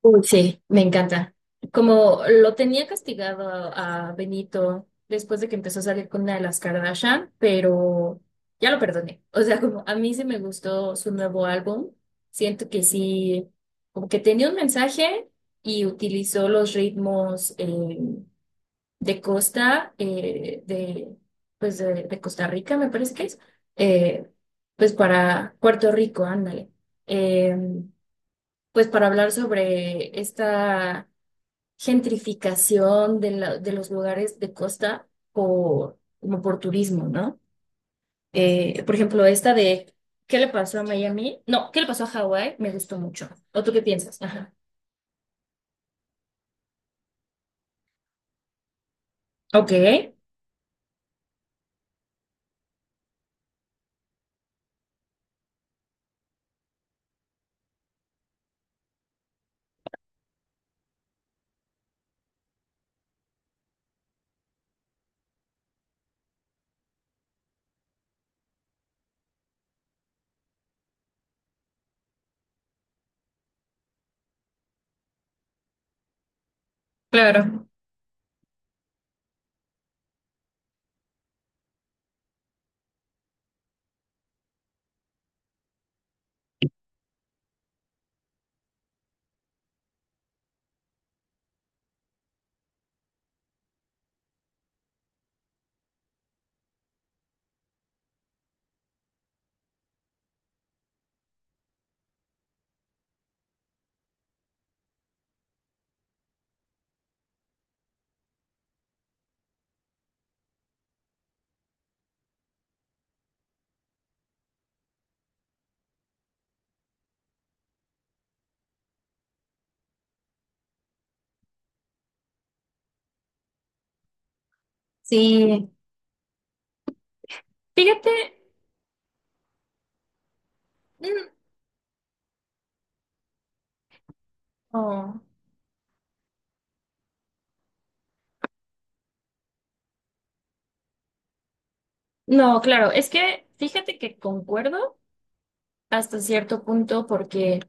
Uy, sí, me encanta. Como lo tenía castigado a Benito después de que empezó a salir con una de las Kardashian, pero ya lo perdoné. O sea, como a mí sí me gustó su nuevo álbum. Siento que sí, como que tenía un mensaje y utilizó los ritmos de Costa, de, pues de Costa Rica, me parece que es, eh, pues para Puerto Rico, ándale. Em, pues para hablar sobre esta gentrificación de, de los lugares de costa por, como por turismo, ¿no? Por ejemplo, esta de ¿qué le pasó a Miami? No, ¿qué le pasó a Hawái? Me gustó mucho. ¿O tú qué piensas? Ajá. Ok, claro. Sí, fíjate. mm, oh, No, claro, es que fíjate que concuerdo hasta cierto punto porque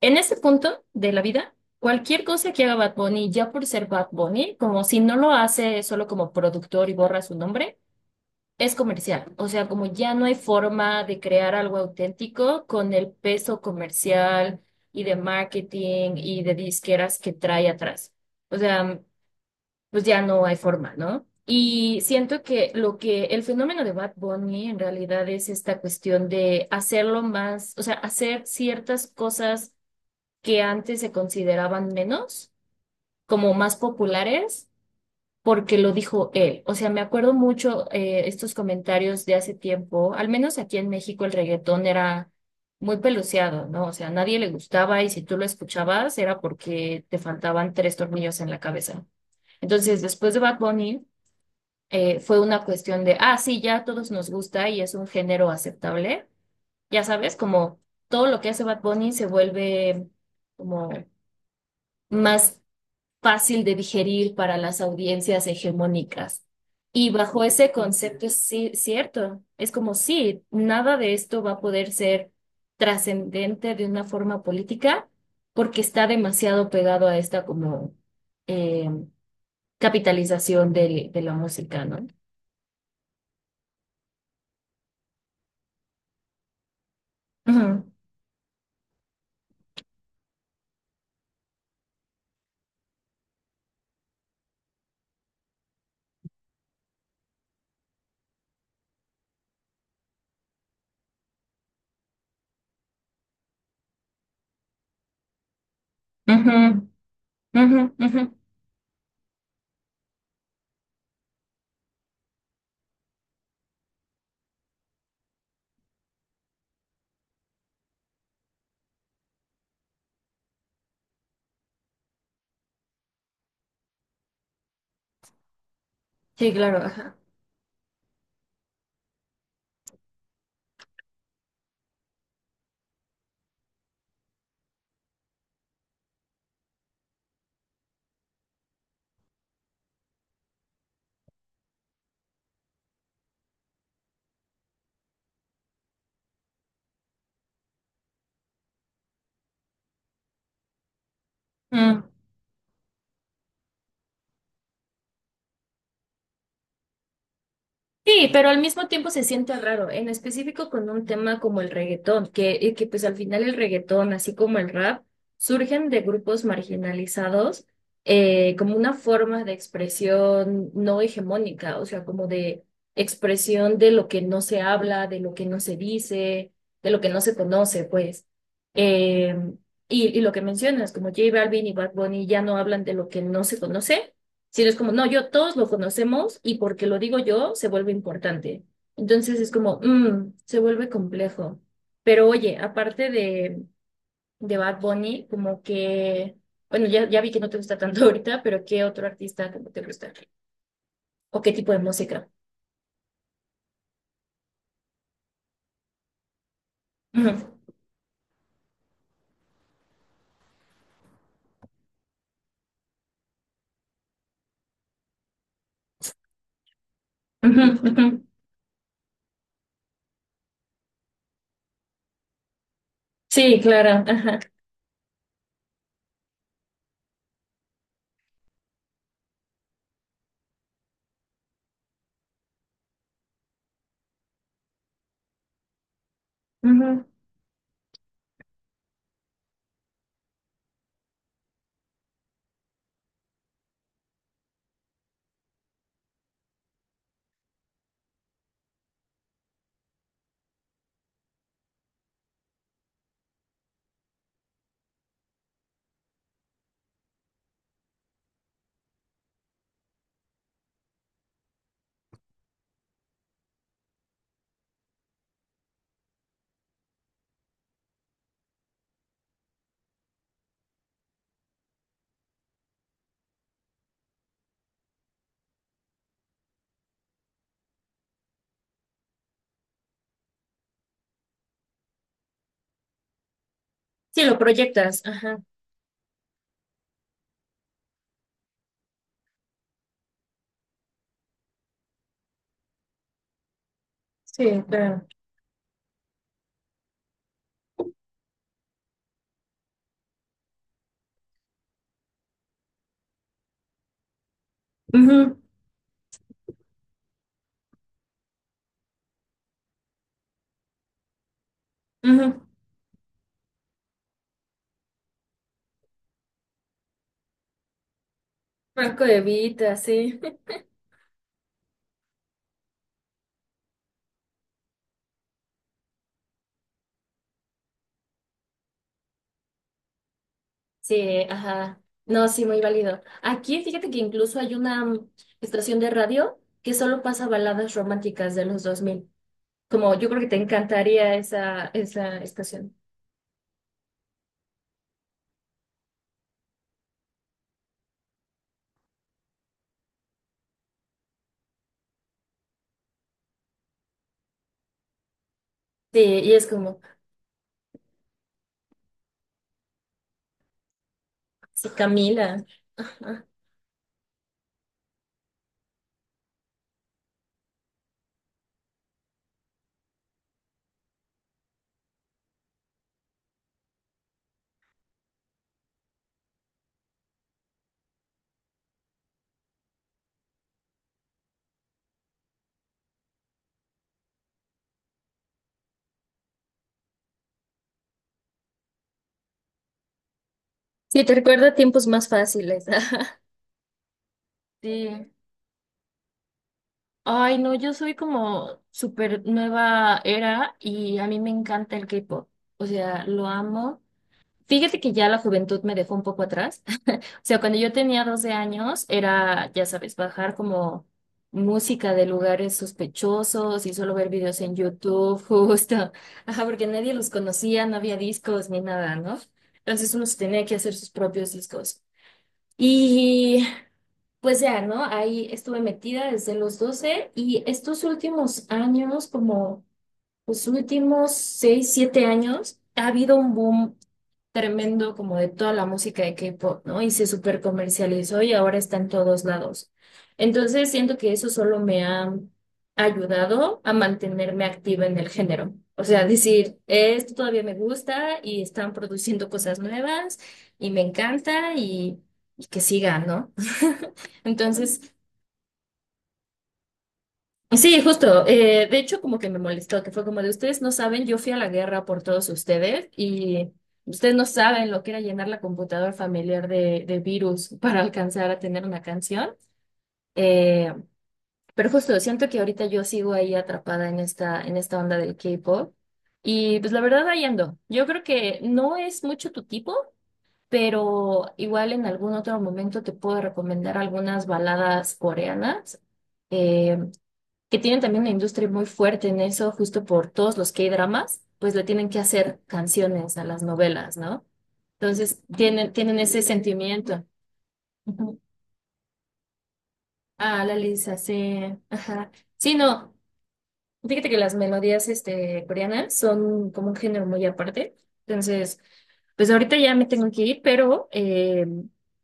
en ese punto de la vida, cualquier cosa que haga Bad Bunny, ya por ser Bad Bunny, como si no lo hace solo como productor y borra su nombre, es comercial. O sea, como ya no hay forma de crear algo auténtico con el peso comercial y de marketing y de disqueras que trae atrás. O sea, pues ya no hay forma, ¿no? Y siento que lo que el fenómeno de Bad Bunny en realidad es esta cuestión de hacerlo más, o sea, hacer ciertas cosas que antes se consideraban menos, como más populares, porque lo dijo él. O sea, me acuerdo mucho estos comentarios de hace tiempo, al menos aquí en México el reggaetón era muy peluciado, ¿no? O sea, a nadie le gustaba y si tú lo escuchabas era porque te faltaban tres tornillos en la cabeza. Entonces, después de Bad Bunny, fue una cuestión de, ah, sí, ya a todos nos gusta y es un género aceptable. Ya sabes, como todo lo que hace Bad Bunny se vuelve como más fácil de digerir para las audiencias hegemónicas. Y bajo ese concepto es sí, cierto, es como sí, nada de esto va a poder ser trascendente de una forma política porque está demasiado pegado a esta como eh, capitalización de la música, ¿no? Ujú, ujú, ujú, ujú. Sí, claro, ajá. Mm. Sí, pero al mismo tiempo se siente raro, en específico con un tema como el reggaetón, que, y que pues al final el reggaetón, así como el rap, surgen de grupos marginalizados como una forma de expresión no hegemónica, o sea, como de expresión de lo que no se habla, de lo que no se dice, de lo que no se conoce, pues. Eh, y lo que mencionas, como J Balvin y Bad Bunny ya no hablan de lo que no se conoce, sino es como, no, yo todos lo conocemos y porque lo digo yo se vuelve importante. Entonces es como, se vuelve complejo. Pero oye, aparte de Bad Bunny, como que, bueno, ya vi que no te gusta tanto ahorita, pero ¿qué otro artista como te gusta? ¿O qué tipo de música? Ujú, ujú, ujú. Sí, claro. Ajá. Ujú. Sí, lo proyectas. Ajá. Sí, claro. Ujú, ujú. Franco de Vita, sí. Sí, ajá. No, sí, muy válido. Aquí fíjate que incluso hay una estación de radio que solo pasa baladas románticas de los 2000, como yo creo que te encantaría esa, esa estación. Sí, y es como, sí, Camila. Sí, te recuerda a tiempos más fáciles. Sí. Ay, no, yo soy como súper nueva era y a mí me encanta el K-pop. O sea, lo amo. Fíjate que ya la juventud me dejó un poco atrás. O sea, cuando yo tenía 12 años era, ya sabes, bajar como música de lugares sospechosos y solo ver videos en YouTube, justo. Ajá, porque nadie los conocía, no había discos ni nada, ¿no? Entonces uno se tenía que hacer sus propios discos. Y pues ya, ¿no? Ahí estuve metida desde los 12 y estos últimos años, como los últimos 6, 7 años, ha habido un boom tremendo como de toda la música de K-pop, ¿no? Y se super comercializó y ahora está en todos lados. Entonces siento que eso solo me ha ayudado a mantenerme activa en el género. O sea, decir, esto todavía me gusta y están produciendo cosas nuevas y me encanta y que siga, ¿no? Entonces, sí, justo. De hecho, como que me molestó, que fue como de ustedes no saben, yo fui a la guerra por todos ustedes y ustedes no saben lo que era llenar la computadora familiar de virus para alcanzar a tener una canción. Eh, pero justo, siento que ahorita yo sigo ahí atrapada en esta onda del K-pop y pues la verdad ahí ando. Yo creo que no es mucho tu tipo, pero igual en algún otro momento te puedo recomendar algunas baladas coreanas. eh, que tienen también una industria muy fuerte en eso, justo por todos los K-dramas, pues le tienen que hacer canciones a las novelas, ¿no? Entonces tienen, tienen ese sentimiento. Ujú. Ah, la Lisa, sí. Ajá. Sí, no. Fíjate que las melodías este, coreanas son como un género muy aparte. Entonces, pues ahorita ya me tengo que ir, pero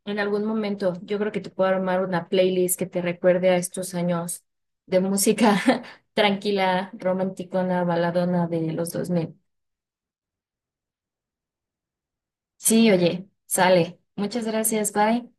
en algún momento yo creo que te puedo armar una playlist que te recuerde a estos años de música tranquila, romanticona, baladona de los 2000. Sí, oye, sale. Muchas gracias, bye.